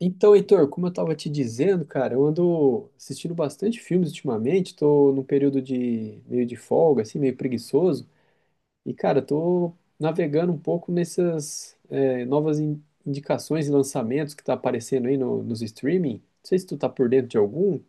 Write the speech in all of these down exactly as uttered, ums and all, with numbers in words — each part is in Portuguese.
Então, Heitor, como eu estava te dizendo, cara, eu ando assistindo bastante filmes ultimamente, estou num período de meio de folga, assim, meio preguiçoso, e, cara, estou navegando um pouco nessas é, novas in- indicações e lançamentos que tá aparecendo aí no- nos streaming. Não sei se tu tá por dentro de algum.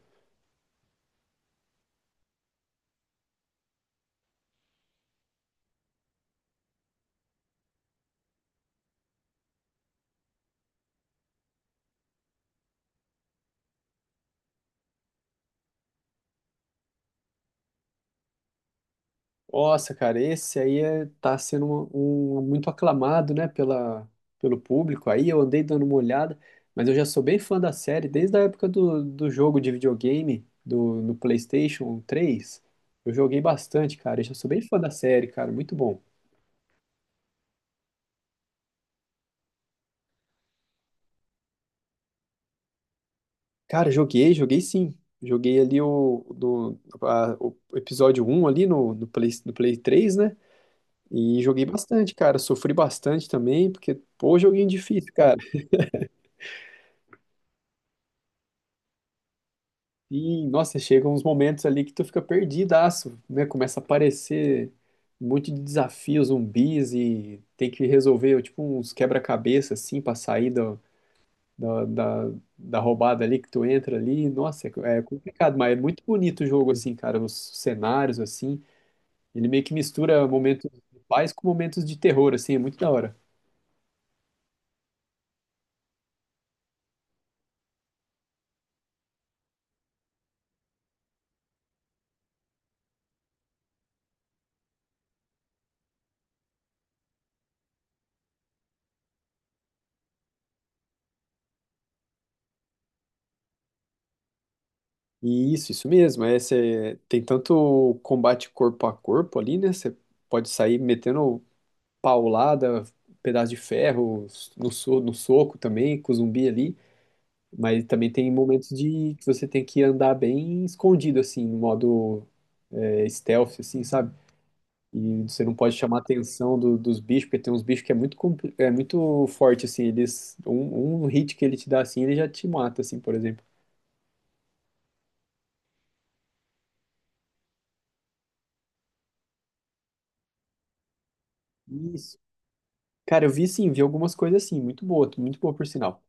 Nossa, cara, esse aí é, tá sendo um, um- muito aclamado, né, pela, pelo público. Aí eu andei dando uma olhada, mas eu já sou bem fã da série desde a época do, do jogo de videogame, do, no PlayStation três. Eu joguei bastante, cara. Eu já sou bem fã da série, cara. Muito bom. Cara, joguei, joguei sim. Joguei ali o, do, a- o episódio um ali no, no Play, no Play três, né? E joguei bastante, cara. Sofri bastante também, porque, pô, joguinho difícil, cara. E, nossa, chegam uns momentos ali que tu fica perdidaço, né? Começa a aparecer um monte de desafios, zumbis e tem que resolver, tipo, uns quebra-cabeça, assim, pra sair da, da, da, da roubada ali que tu entra ali. Nossa, é, é complicado, mas é muito bonito o jogo, assim, cara, os cenários, assim. Ele meio que mistura momentos de paz com momentos de terror, assim, é muito da hora. E isso, isso mesmo. É, cê- tem tanto combate corpo a corpo ali, né? Você pode sair metendo paulada, pedaço de ferro, no, so- no soco também, com o zumbi ali. Mas também tem momentos de que você tem que andar bem escondido, assim, no modo é, stealth, assim, sabe? E você não pode chamar a atenção do- dos bichos, porque tem uns bichos que é muito, compli- é muito forte, assim, eles, um, um hit que ele te dá, assim, ele já te mata, assim, por exemplo. Isso. Cara, eu vi sim, vi algumas coisas assim, muito boa, muito boa por sinal.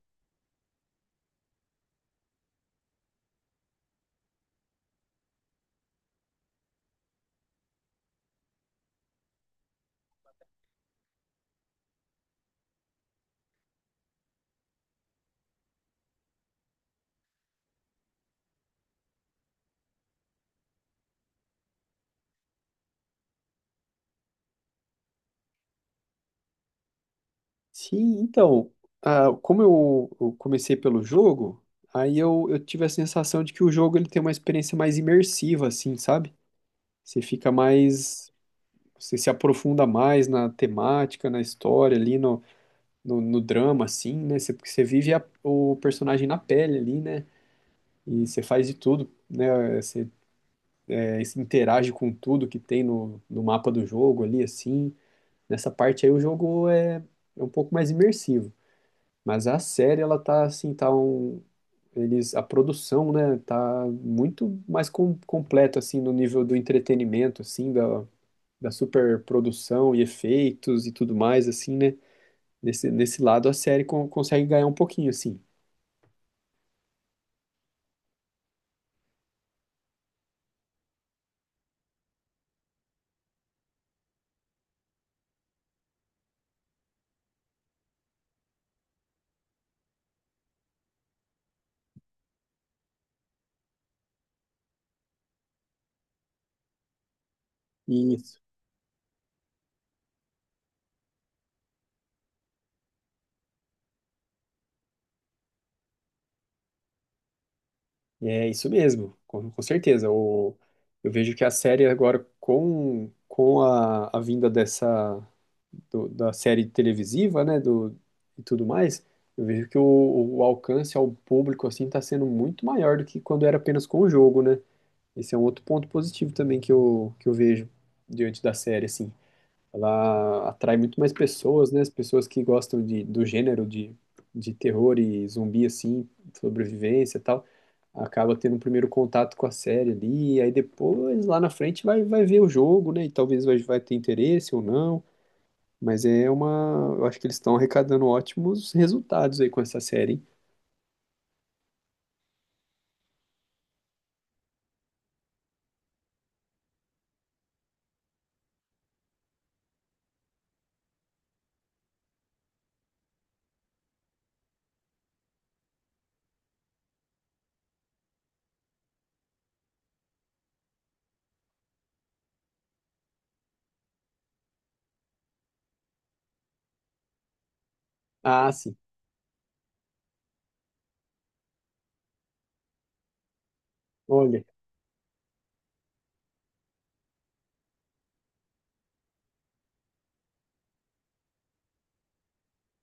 Sim, então, ah, como eu, eu comecei pelo jogo, aí eu, eu tive a sensação de que o jogo ele tem uma experiência mais imersiva, assim, sabe? Você fica mais, você se aprofunda mais na temática, na história ali, no, no, no drama, assim, né? Você, porque você vive a- o personagem na pele ali, né? E você faz de tudo, né? Você, é, você interage com tudo que tem no, no mapa do jogo ali, assim. Nessa parte aí o jogo é, é um pouco mais imersivo. Mas a série, ela tá assim, tá um. Eles, a produção, né, tá muito mais com, completa, assim, no nível do entretenimento, assim, da, da superprodução e efeitos e tudo mais, assim, né? Nesse, nesse lado, a série con- consegue ganhar um pouquinho, assim. E É isso mesmo, com, com certeza. O, eu vejo que a série agora, com, com a, a vinda dessa do- da série televisiva, né, do, e tudo mais, eu vejo que o, o alcance ao público assim está sendo muito maior do que quando era apenas com o jogo, né? Esse é um outro ponto positivo também que eu, que eu vejo diante da série, assim. Ela atrai muito mais pessoas, né? As pessoas que gostam de, do gênero de, de terror e zumbi, assim, sobrevivência e tal, acaba tendo um primeiro contato com a série ali, e aí depois, lá na frente, vai, vai ver o jogo, né? E talvez vai, vai ter interesse ou não, mas é uma... Eu acho que eles estão arrecadando ótimos resultados aí com essa série, hein? Ah, sim. Olha.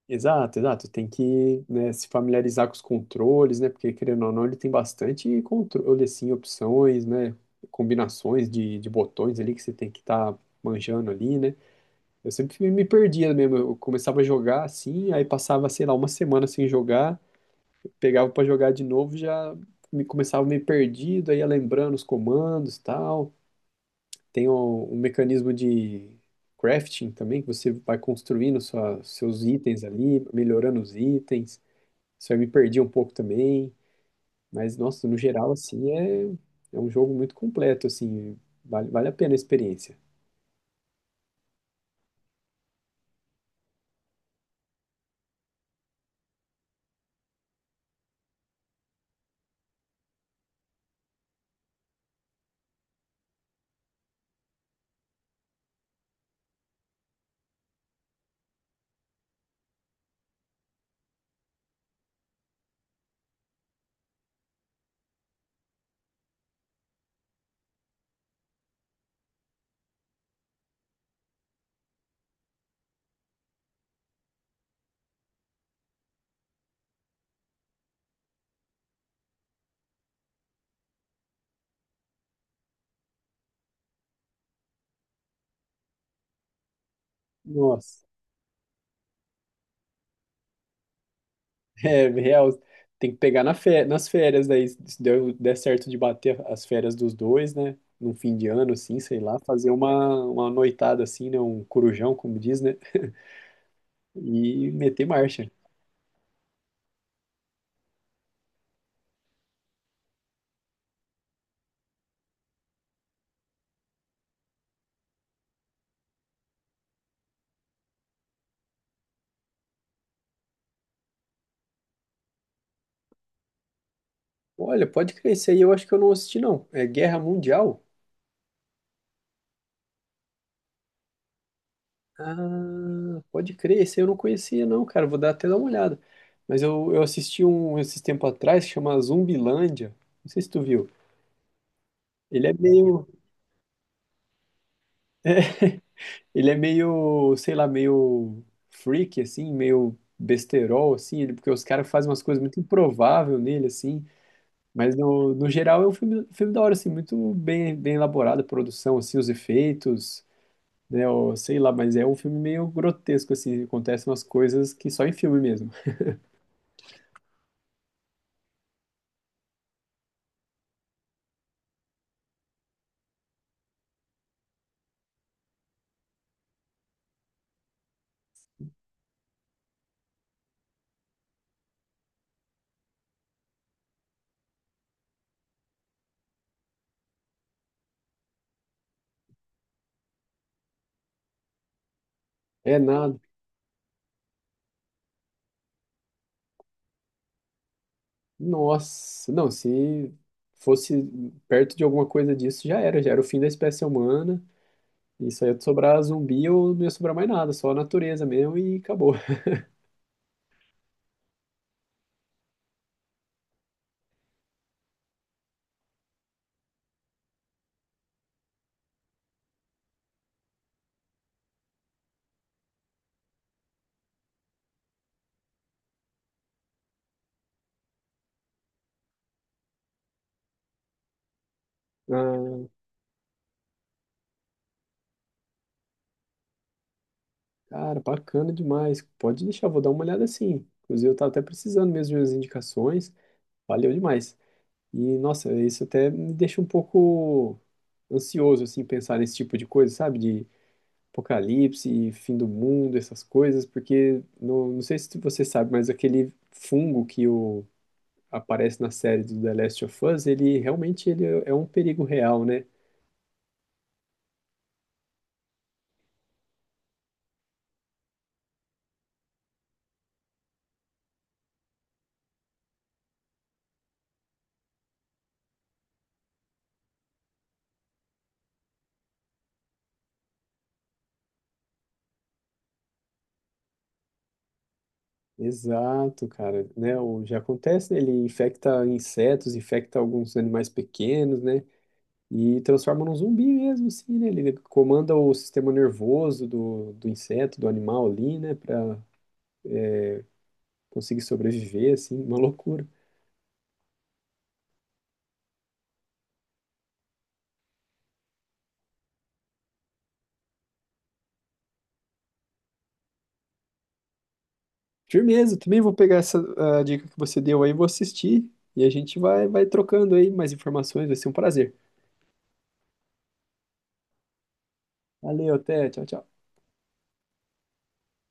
Exato, exato. Tem que, né, se familiarizar com os controles, né? Porque, querendo ou não, ele tem bastante controle, assim, opções, né? Combinações de, de botões ali que você tem que estar manjando ali, né? Eu sempre me perdia mesmo. Eu começava a jogar assim, aí passava, sei lá, uma semana sem jogar, pegava para jogar de novo, já me começava meio perdido, aí ia lembrando os comandos e tal. Tem o- um, mecanismo de crafting também, que você vai construindo sua- seus itens ali, melhorando os itens. Isso eu me perdi um pouco também, mas nossa, no geral assim é, é um jogo muito completo assim, vale, vale a pena a experiência. Nossa, é real, tem que pegar na fé, nas férias daí, se deu, der certo de bater as férias dos dois, né? Num fim de ano assim, sei lá, fazer uma, uma noitada assim, né, um corujão, como diz, né? E meter marcha. Olha, pode crescer aí, eu acho que eu não assisti não. É Guerra Mundial? Ah, pode crer, esse aí eu não conhecia, não, cara. Vou dar até dar uma olhada. Mas eu, eu assisti um esses tempo atrás que chama Zumbilândia. Não sei se tu viu. Ele é meio, ele é meio, sei lá, meio freak, assim, meio besterol, assim, ele, porque os caras fazem umas coisas muito improváveis nele, assim. Mas no, no geral é um filme, filme da hora, assim, muito bem, bem elaborado a produção, assim, os efeitos, né? ou sei lá, mas é um filme meio grotesco, assim, acontecem umas coisas que só em filme mesmo. É nada. Nossa, não, se fosse perto de alguma coisa disso, já era, já era o fim da espécie humana. Isso aí ia sobrar zumbi ou não ia sobrar mais nada, só a natureza mesmo e acabou. Ah, cara, bacana demais. Pode deixar, vou dar uma olhada sim. Inclusive, eu tava até precisando mesmo de umas indicações. Valeu demais. E, nossa, isso até me deixa um pouco ansioso, assim, pensar nesse tipo de coisa, sabe? Apocalipse, fim do mundo, essas coisas, porque no- não sei se você sabe, mas aquele fungo que o, aparece na série do The Last of Us, ele realmente ele é é um perigo real, né? Exato, cara, né? O, já acontece, né? Ele infecta insetos, infecta alguns animais pequenos, né? E transforma num zumbi mesmo, assim, né? Ele comanda o sistema nervoso do, do inseto, do animal ali, né? Pra conseguir sobreviver, assim, uma loucura. Firmeza, também vou pegar essa ah, dica que você deu aí, vou assistir e a gente vai, vai trocando aí mais informações, vai ser um prazer. Valeu, até, tchau, tchau.